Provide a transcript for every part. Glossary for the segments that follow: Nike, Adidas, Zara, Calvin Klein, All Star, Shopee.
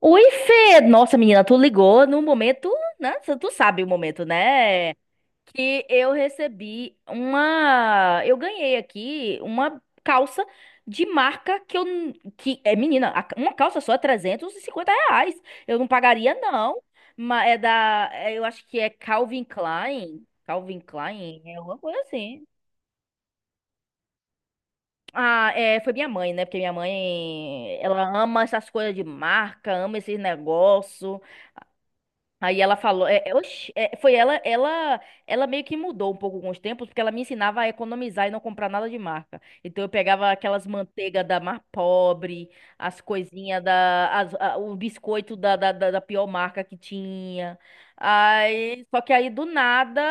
Oi, Fê! Nossa, menina, tu ligou num momento, né? Tu sabe o momento, né? Que eu recebi uma. Eu ganhei aqui uma calça de marca Que é, menina, uma calça só é R$ 350. Eu não pagaria, não. Eu acho que é Calvin Klein. Calvin Klein? É alguma coisa assim. Ah, é, foi minha mãe, né? Porque minha mãe, ela ama essas coisas de marca, ama esses negócios. Aí ela falou, oxi, é, foi ela, ela meio que mudou um pouco com os tempos, porque ela me ensinava a economizar e não comprar nada de marca. Então eu pegava aquelas manteiga da mais pobre, as coisinhas o biscoito da pior marca que tinha. Aí, só que aí do nada,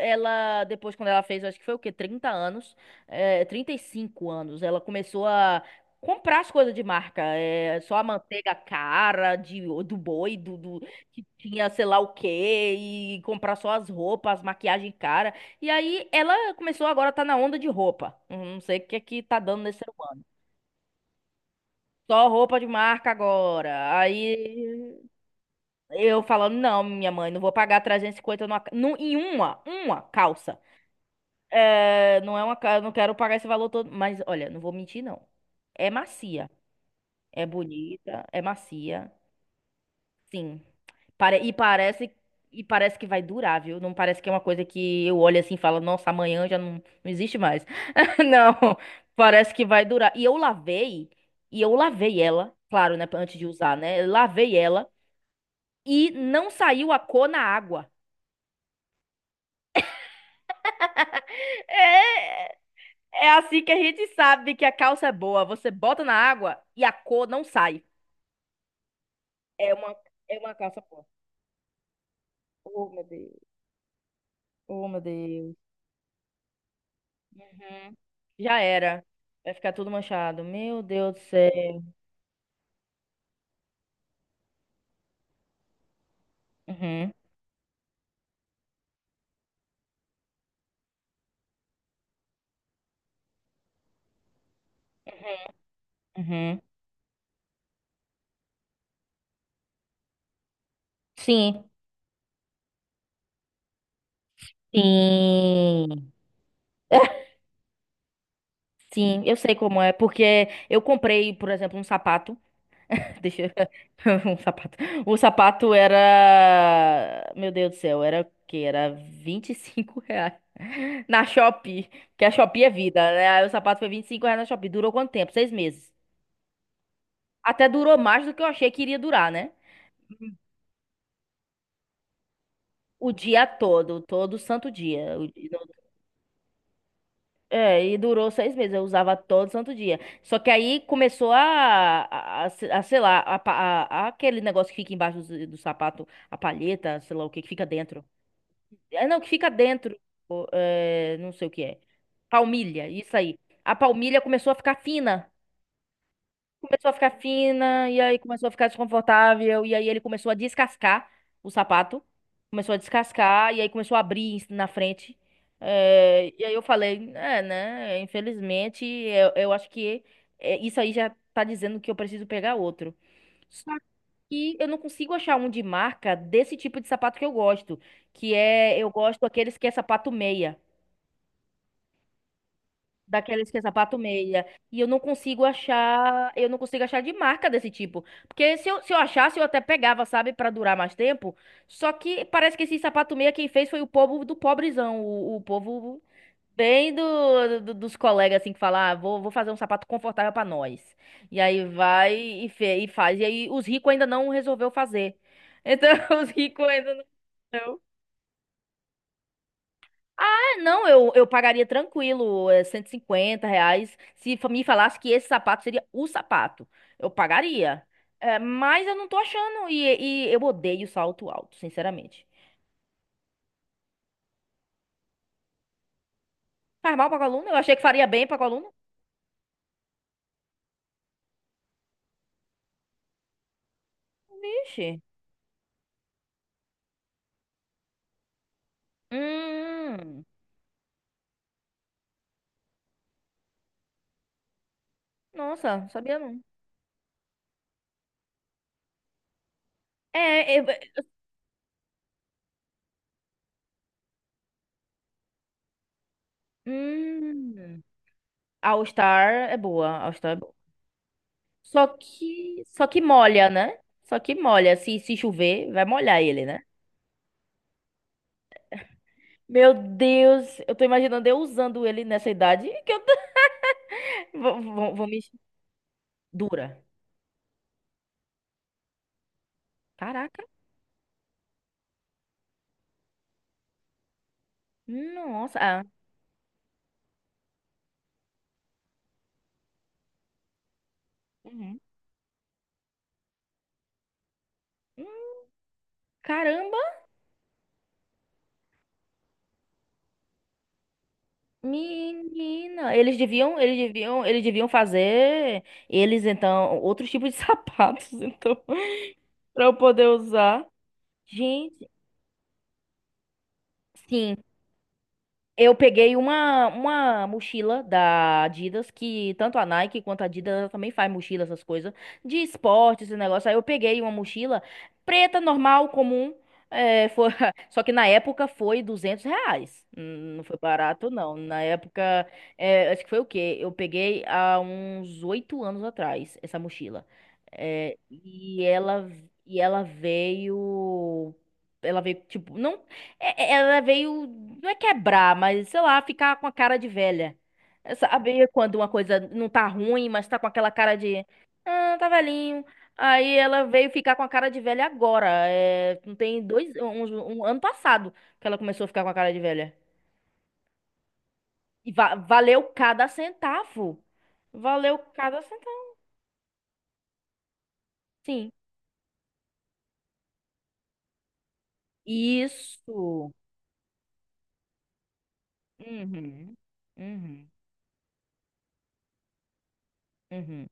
ela, depois quando ela fez, acho que foi o quê? 30 anos, é, 35 anos, ela começou a comprar as coisas de marca, é, só a manteiga cara do boi, que tinha sei lá o quê e comprar só as roupas, as maquiagem cara. E aí ela começou agora a tá na onda de roupa. Não sei o que é que tá dando nesse ser humano. Só roupa de marca agora. Aí eu falando, não, minha mãe, não vou pagar 350 em uma calça. É, não é uma, ca- eu não quero pagar esse valor todo, mas olha, não vou mentir, não. É macia, é bonita, é macia. Sim. Pare- E parece, e parece que vai durar, viu? Não parece que é uma coisa que eu olho assim e falo, nossa, amanhã já não, não existe mais. Não, parece que vai durar. E eu lavei ela, claro, né, antes de usar, né? Eu lavei ela e não saiu a cor na água. É, é, assim que a gente sabe que a calça é boa. Você bota na água e a cor não sai. É uma, é uma calça boa. Oh, meu Deus. Oh, meu Deus. Uhum. Já era. Vai ficar tudo manchado. Meu Deus do céu. Uhum, uhum. Sim, sim, sim, eu sei como é, porque eu comprei, por exemplo, um sapato. Deixa eu... um sapato. O sapato era, meu Deus do céu, era o quê? Era R$ 25 na Shopee, porque a Shopee é vida, né? Aí o sapato foi R$ 25 na Shopee. Durou quanto tempo? 6 meses. Até durou mais do que eu achei que iria durar, né? O dia todo, todo santo dia. É, e durou 6 meses. Eu usava todo santo dia. Só que aí começou a, a, a- sei lá, a, aquele negócio que fica embaixo do sapato, a palheta, sei lá o que, que fica dentro. É, não, que fica dentro. É, não sei o que é. Palmilha, isso aí. A palmilha começou a ficar fina. Começou a ficar fina, e aí começou a ficar desconfortável, e aí ele começou a descascar o sapato. Começou a descascar, e aí começou a abrir na frente. É, e aí eu falei, é, né? Infelizmente, eu acho que é, isso aí já tá dizendo que eu preciso pegar outro. Só que eu não consigo achar um de marca desse tipo de sapato que eu gosto. Que é, eu gosto daqueles que é sapato meia. Daqueles que é sapato meia. E eu não consigo achar, eu não consigo achar de marca desse tipo. Porque se eu achasse, eu até pegava, sabe, pra durar mais tempo. Só que parece que esse sapato meia quem fez foi o povo do pobrezão, o povo bem dos colegas assim que fala, ah, vou fazer um sapato confortável pra nós. E aí vai e, e faz. E aí os ricos ainda não resolveu fazer. Então os ricos ainda não ah, não, eu pagaria tranquilo, é, R$ 150. Se me falasse que esse sapato seria o sapato, eu pagaria. É, mas eu não tô achando. E eu odeio salto alto, sinceramente. Faz mal pra coluna? Eu achei que faria bem pra coluna. Vixe. Hum, nossa, sabia não. É, eu- eh, hum, All Star é boa, All Star é boa. Só que molha, né? Só que molha. Se chover, vai molhar ele, né? Meu Deus, eu tô imaginando eu usando ele nessa idade que eu vou me dura. Caraca. Nossa. Ah. Uhum. Hum, Caramba, menina. Eles deviam fazer eles então outros tipos de sapatos então para eu poder usar. Gente, sim. Eu peguei uma mochila da Adidas, que tanto a Nike quanto a Adidas ela também faz mochila, essas coisas, de esporte, esse negócio. Aí eu peguei uma mochila preta, normal, comum. é, foi- Só que na época foi R$ 200. Não foi barato, não. Na época, é, acho que foi o quê? Eu peguei há uns 8 anos atrás essa mochila. É, e ela, e ela veio. Ela veio, tipo, não. Ela veio, não é quebrar, mas sei lá, ficar com a cara de velha. É, sabe quando uma coisa não tá ruim, mas tá com aquela cara de. Ah, tá velhinho. Aí ela veio ficar com a cara de velha agora. É, não tem dois. Um ano passado que ela começou a ficar com a cara de velha. E valeu cada centavo. Valeu cada centavo. Sim. Isso. Uhum. Uhum. Uhum.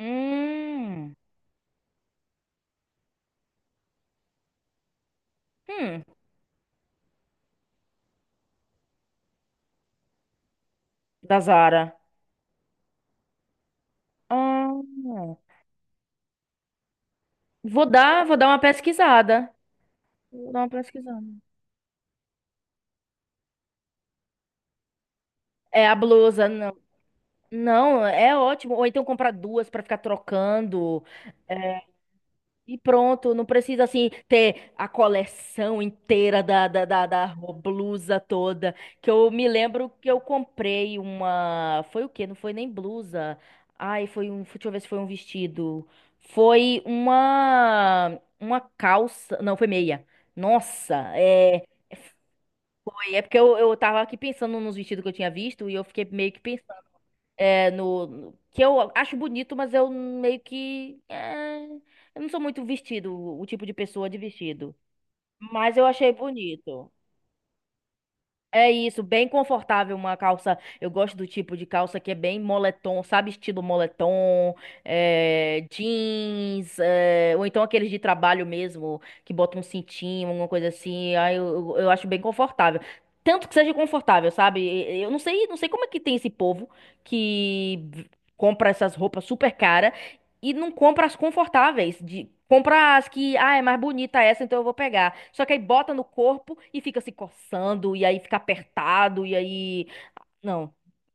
Hum. Hum. Da Zara. Ah. Vou dar uma pesquisada. Vou dar uma pesquisada. É a blusa, não. Não, é ótimo. Ou então comprar duas pra ficar trocando. É, e pronto, não precisa assim ter a coleção inteira da blusa toda. Que eu me lembro que eu comprei uma. Foi o quê? Não foi nem blusa. Ai, foi um. Deixa eu ver se foi um vestido. Foi uma. Uma calça. Não, foi meia. Nossa, é. É porque eu tava aqui pensando nos vestidos que eu tinha visto e eu fiquei meio que pensando é, que eu acho bonito, mas eu meio que é, eu não sou muito vestido, o tipo de pessoa de vestido. Mas eu achei bonito. É isso, bem confortável uma calça. Eu gosto do tipo de calça que é bem moletom, sabe? Estilo moletom, é, jeans, é, ou então aqueles de trabalho mesmo, que botam um cintinho, alguma coisa assim. Aí eu, eu acho bem confortável. Tanto que seja confortável, sabe? Eu não sei, não sei como é que tem esse povo que compra essas roupas super caras e não compra as confortáveis. De, compra as que, ah, é mais bonita essa, então eu vou pegar. Só que aí bota no corpo e fica se coçando, e aí fica apertado, e aí. Não.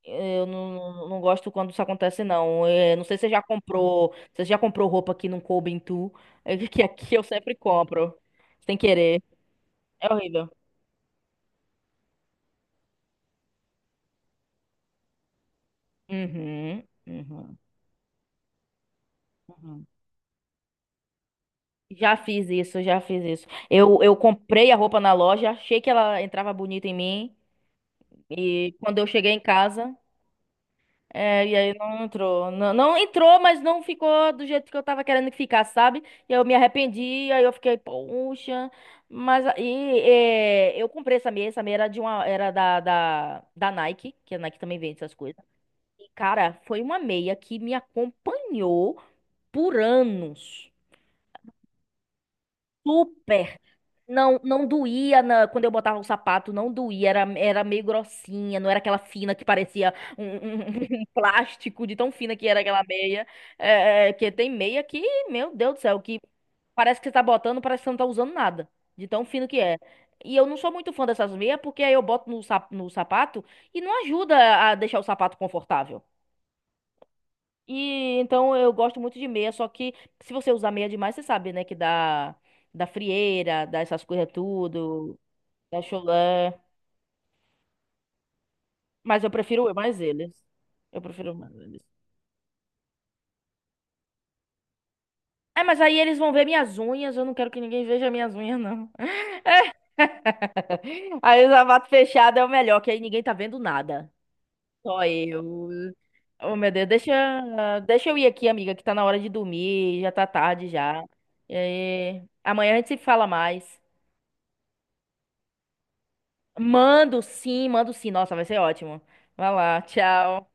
Eu não, não gosto quando isso acontece, não. É, não sei se você já comprou. Se você já comprou roupa que não coube em tu. É que aqui eu sempre compro. Sem querer. É horrível. Uhum, uhum, uhum. Já fiz isso, já fiz isso. Eu comprei a roupa na loja, achei que ela entrava bonita em mim. E quando eu cheguei em casa, é, e aí não entrou. Não, não entrou, mas não ficou do jeito que eu tava querendo que ficasse, sabe? E eu me arrependi, aí eu fiquei, poxa. Mas aí é, eu comprei essa meia era de uma, era da Nike, que a Nike também vende essas coisas. E, cara, foi uma meia que me acompanhou por anos. Super. Não, não doía quando eu botava o sapato, não doía, era meio grossinha, não era aquela fina que parecia um, um- um plástico, de tão fina que era aquela meia. Que tem meia que, meu Deus do céu, que parece que você tá botando, parece que você não tá usando nada, de tão fino que é. E eu não sou muito fã dessas meias, porque aí eu boto no sapato e não ajuda a deixar o sapato confortável. E então eu gosto muito de meia, só que se você usar meia demais, você sabe, né, que dá da frieira, dá essas coisas tudo. É chulé. Mas eu prefiro mais eles. Eu prefiro mais eles. É, mas aí eles vão ver minhas unhas. Eu não quero que ninguém veja minhas unhas, não. Aí o sapato fechado é o melhor, que aí ninguém tá vendo nada. Só eu. Oh, meu Deus, deixa eu ir aqui, amiga, que tá na hora de dormir. Já tá tarde já. E aí, amanhã a gente se fala mais. Mando sim, mando sim. Nossa, vai ser ótimo. Vai lá, tchau.